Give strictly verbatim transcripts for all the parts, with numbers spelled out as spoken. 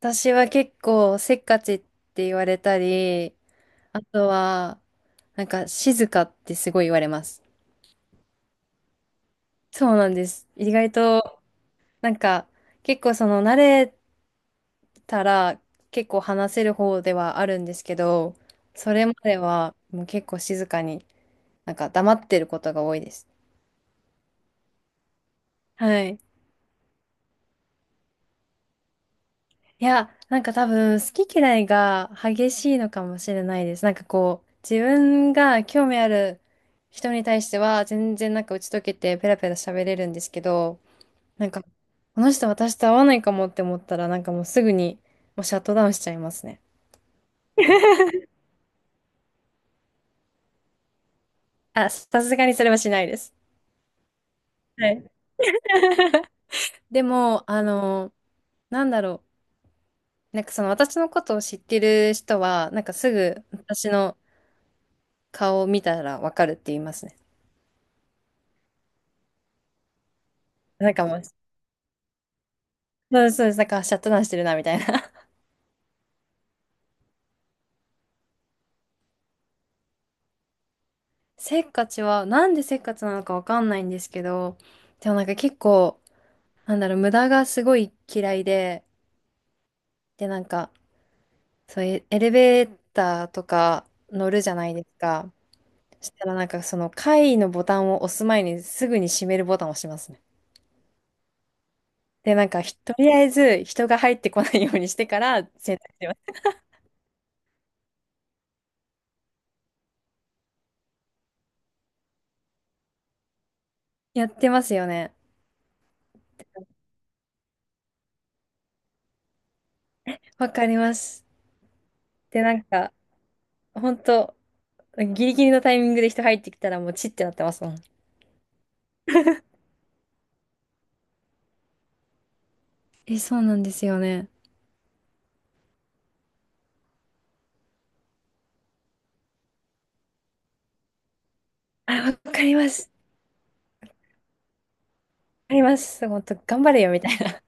私は結構せっかちって言われたり、あとは、なんか静かってすごい言われます。そうなんです。意外と、なんか結構その慣れたら結構話せる方ではあるんですけど、それまではもう結構静かに、なんか黙ってることが多いです。はい。いや、なんか多分好き嫌いが激しいのかもしれないです。なんかこう、自分が興味ある人に対しては全然なんか打ち解けてペラペラ喋れるんですけど、なんかこの人私と合わないかもって思ったらなんかもうすぐにもうシャットダウンしちゃいますね。あ、さすがにそれはしないです。はい。でも、あの、なんだろう。なんかその私のことを知ってる人は、なんかすぐ私の顔を見たらわかるって言いますね。なんかもうそうです、そうです。だからシャットダウンしてるな、みたいな。せっかちは、なんでせっかちなのかわかんないんですけど、でもなんか結構、なんだろう、無駄がすごい嫌いで、で、なんか、そういうエレベーターとか乗るじゃないですか。そしたらなんかその階のボタンを押す前にすぐに閉めるボタンを押しますね。で、なんかひ、とりあえず人が入ってこないようにしてから選択します。やってますよね。わかります。で、なんか、本当ギリギリのタイミングで人入ってきたらもうチッてなってますもん。え、そうなんですよね。あ、わかります。わかります。もっと、頑張れよ、みたいな。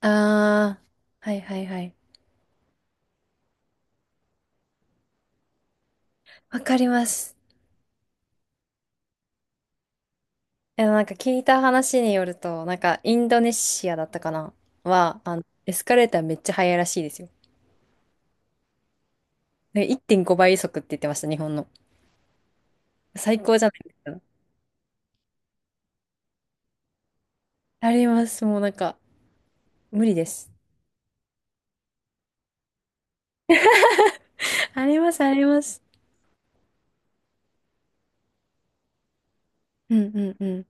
あー、はいはいはい。わかります。え、なんか聞いた話によると、なんかインドネシアだったかなは、あの、エスカレーターめっちゃ速いらしいですよ。なんかいってんごばい速って言ってました、日本の。最高じゃないですか。あります。もうなんか、無理です。あります、あります。うんうんうん。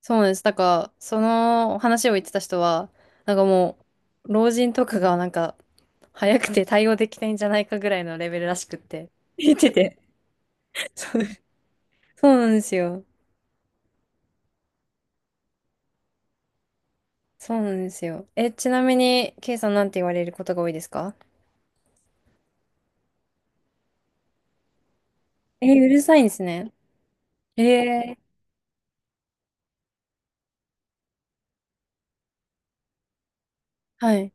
そうなんです。なんか、その話を言ってた人は、なんかもう、老人とかがなんか、早くて対応できないんじゃないかぐらいのレベルらしくって。言ってて。そう。そうなんですよ。そうなんですよ。え、ちなみに、ケイさんなんて言われることが多いですか？え、うるさいんですね。ええ、はい。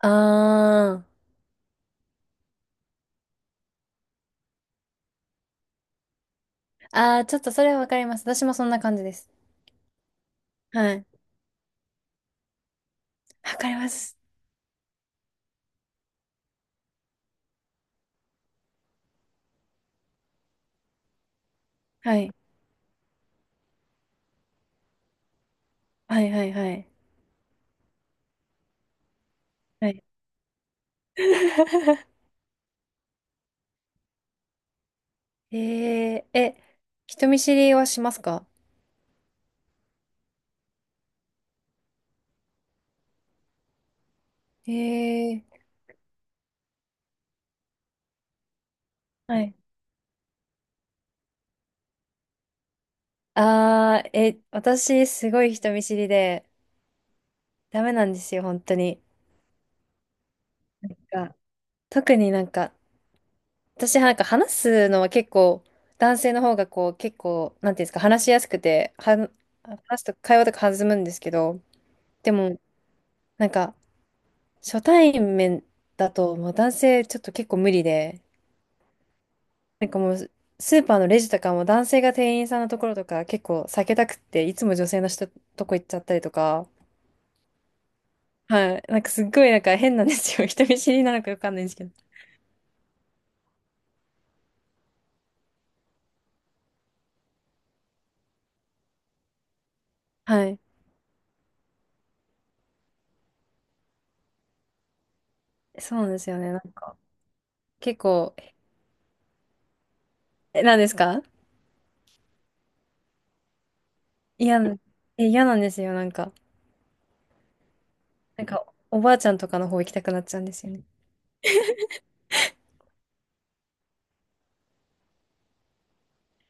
あー。あー、ちょっとそれはわかります。私もそんな感じです。はい。わかります。はい。はいはいはい。はい。えー、え、人見知りはしますか？えー、はい。あー、え、私、すごい人見知りで、ダメなんですよ、本当に。なんか、特になんか、私なんか話すのは結構、男性の方がこう、結構、なんていうんですか、話しやすくて、はん、話すと会話とか弾むんですけど、でも、なんか、初対面だと、もう男性ちょっと結構無理で、なんかもう、スーパーのレジとかも男性が店員さんのところとか結構避けたくって、いつも女性の人とこ行っちゃったりとか、はい。なんかすっごいなんか変なんですよ。人見知りなのかよくわかんないんですけど。はい。そうなんですよね。なんか、結構、え、なんですか？嫌な、え、嫌なんですよ。なんか、なんか、おばあちゃんとかの方行きたくなっちゃうんですよね。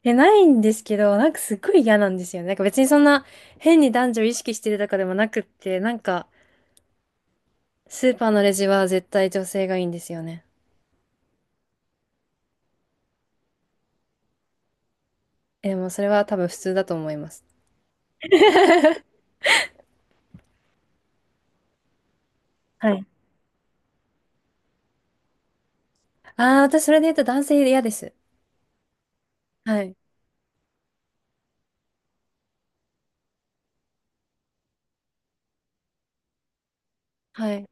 え、ないんですけど、なんかすっごい嫌なんですよね。なんか別にそんな変に男女意識してるとかでもなくって、なんか、スーパーのレジは絶対女性がいいんですよね。え、もうそれは多分普通だと思います。はい。ああ、私それで言うと男性嫌です。はい。はい。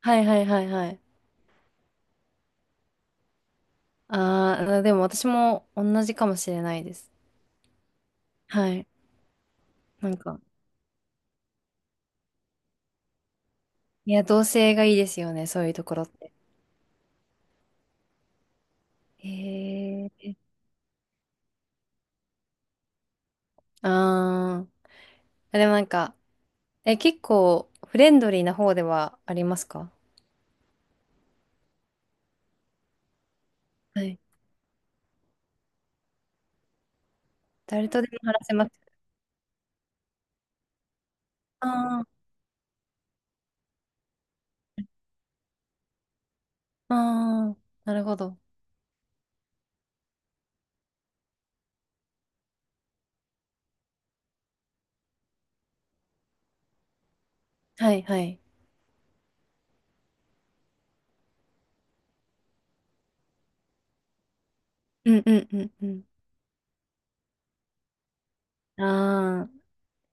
はいはいはいはい。ああ、でも私も同じかもしれないです。はい。なんか、いや、同性がいいですよね、そういうところって。へえ。ああ、でもなんか、え、結構フレンドリーな方ではありますか？はい。誰とでも話せます。ああ、ああ、なるほど。はいはい。うんうんうんうん。ああ。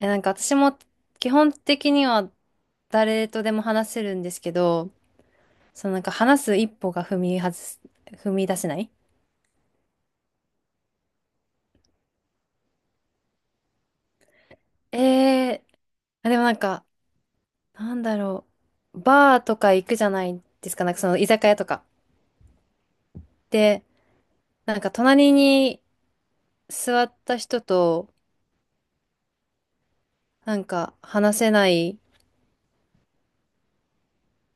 え、なんか私も基本的には誰とでも話せるんですけど、そのなんか話す一歩が踏み外す、踏み出せない。ええー、あ、でもなんか、なんだろう、バーとか行くじゃないですか、なんかその居酒屋とか。で、なんか隣に座った人と、なんか話せない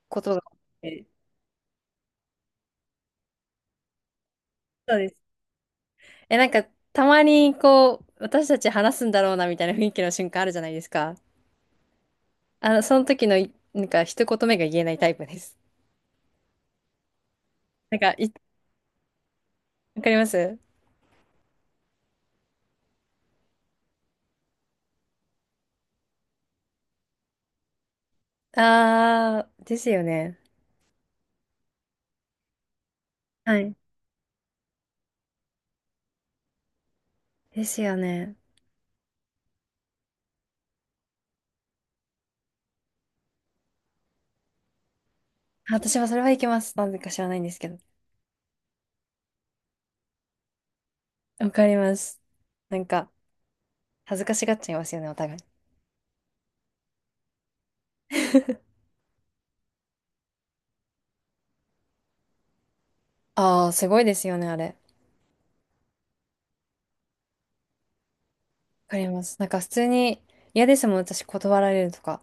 ことがあって、そうです。え、なんかたまにこう、私たち話すんだろうなみたいな雰囲気の瞬間あるじゃないですか。あの、その時のい、なんか、一言目が言えないタイプです。なんか、い、わかります？あー、ですよね。はい。ですよね。あ、私はそれはいけます。なんでか知らないんですけど。わかります。なんか、恥ずかしがっちゃいますよね、お互い。あー、すごいですよね、あれ。わかります。なんか、普通に、嫌ですもん、私、断られるとか。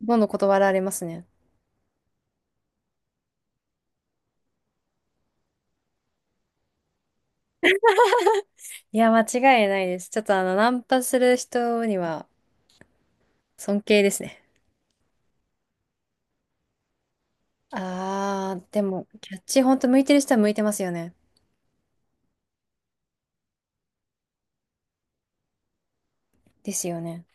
どんどん断られますね。いや、間違いないです。ちょっと、あの、ナンパする人には、尊敬ですね。あー、でも、キャッチ、ほんと向いてる人は向いてますよね。ですよね。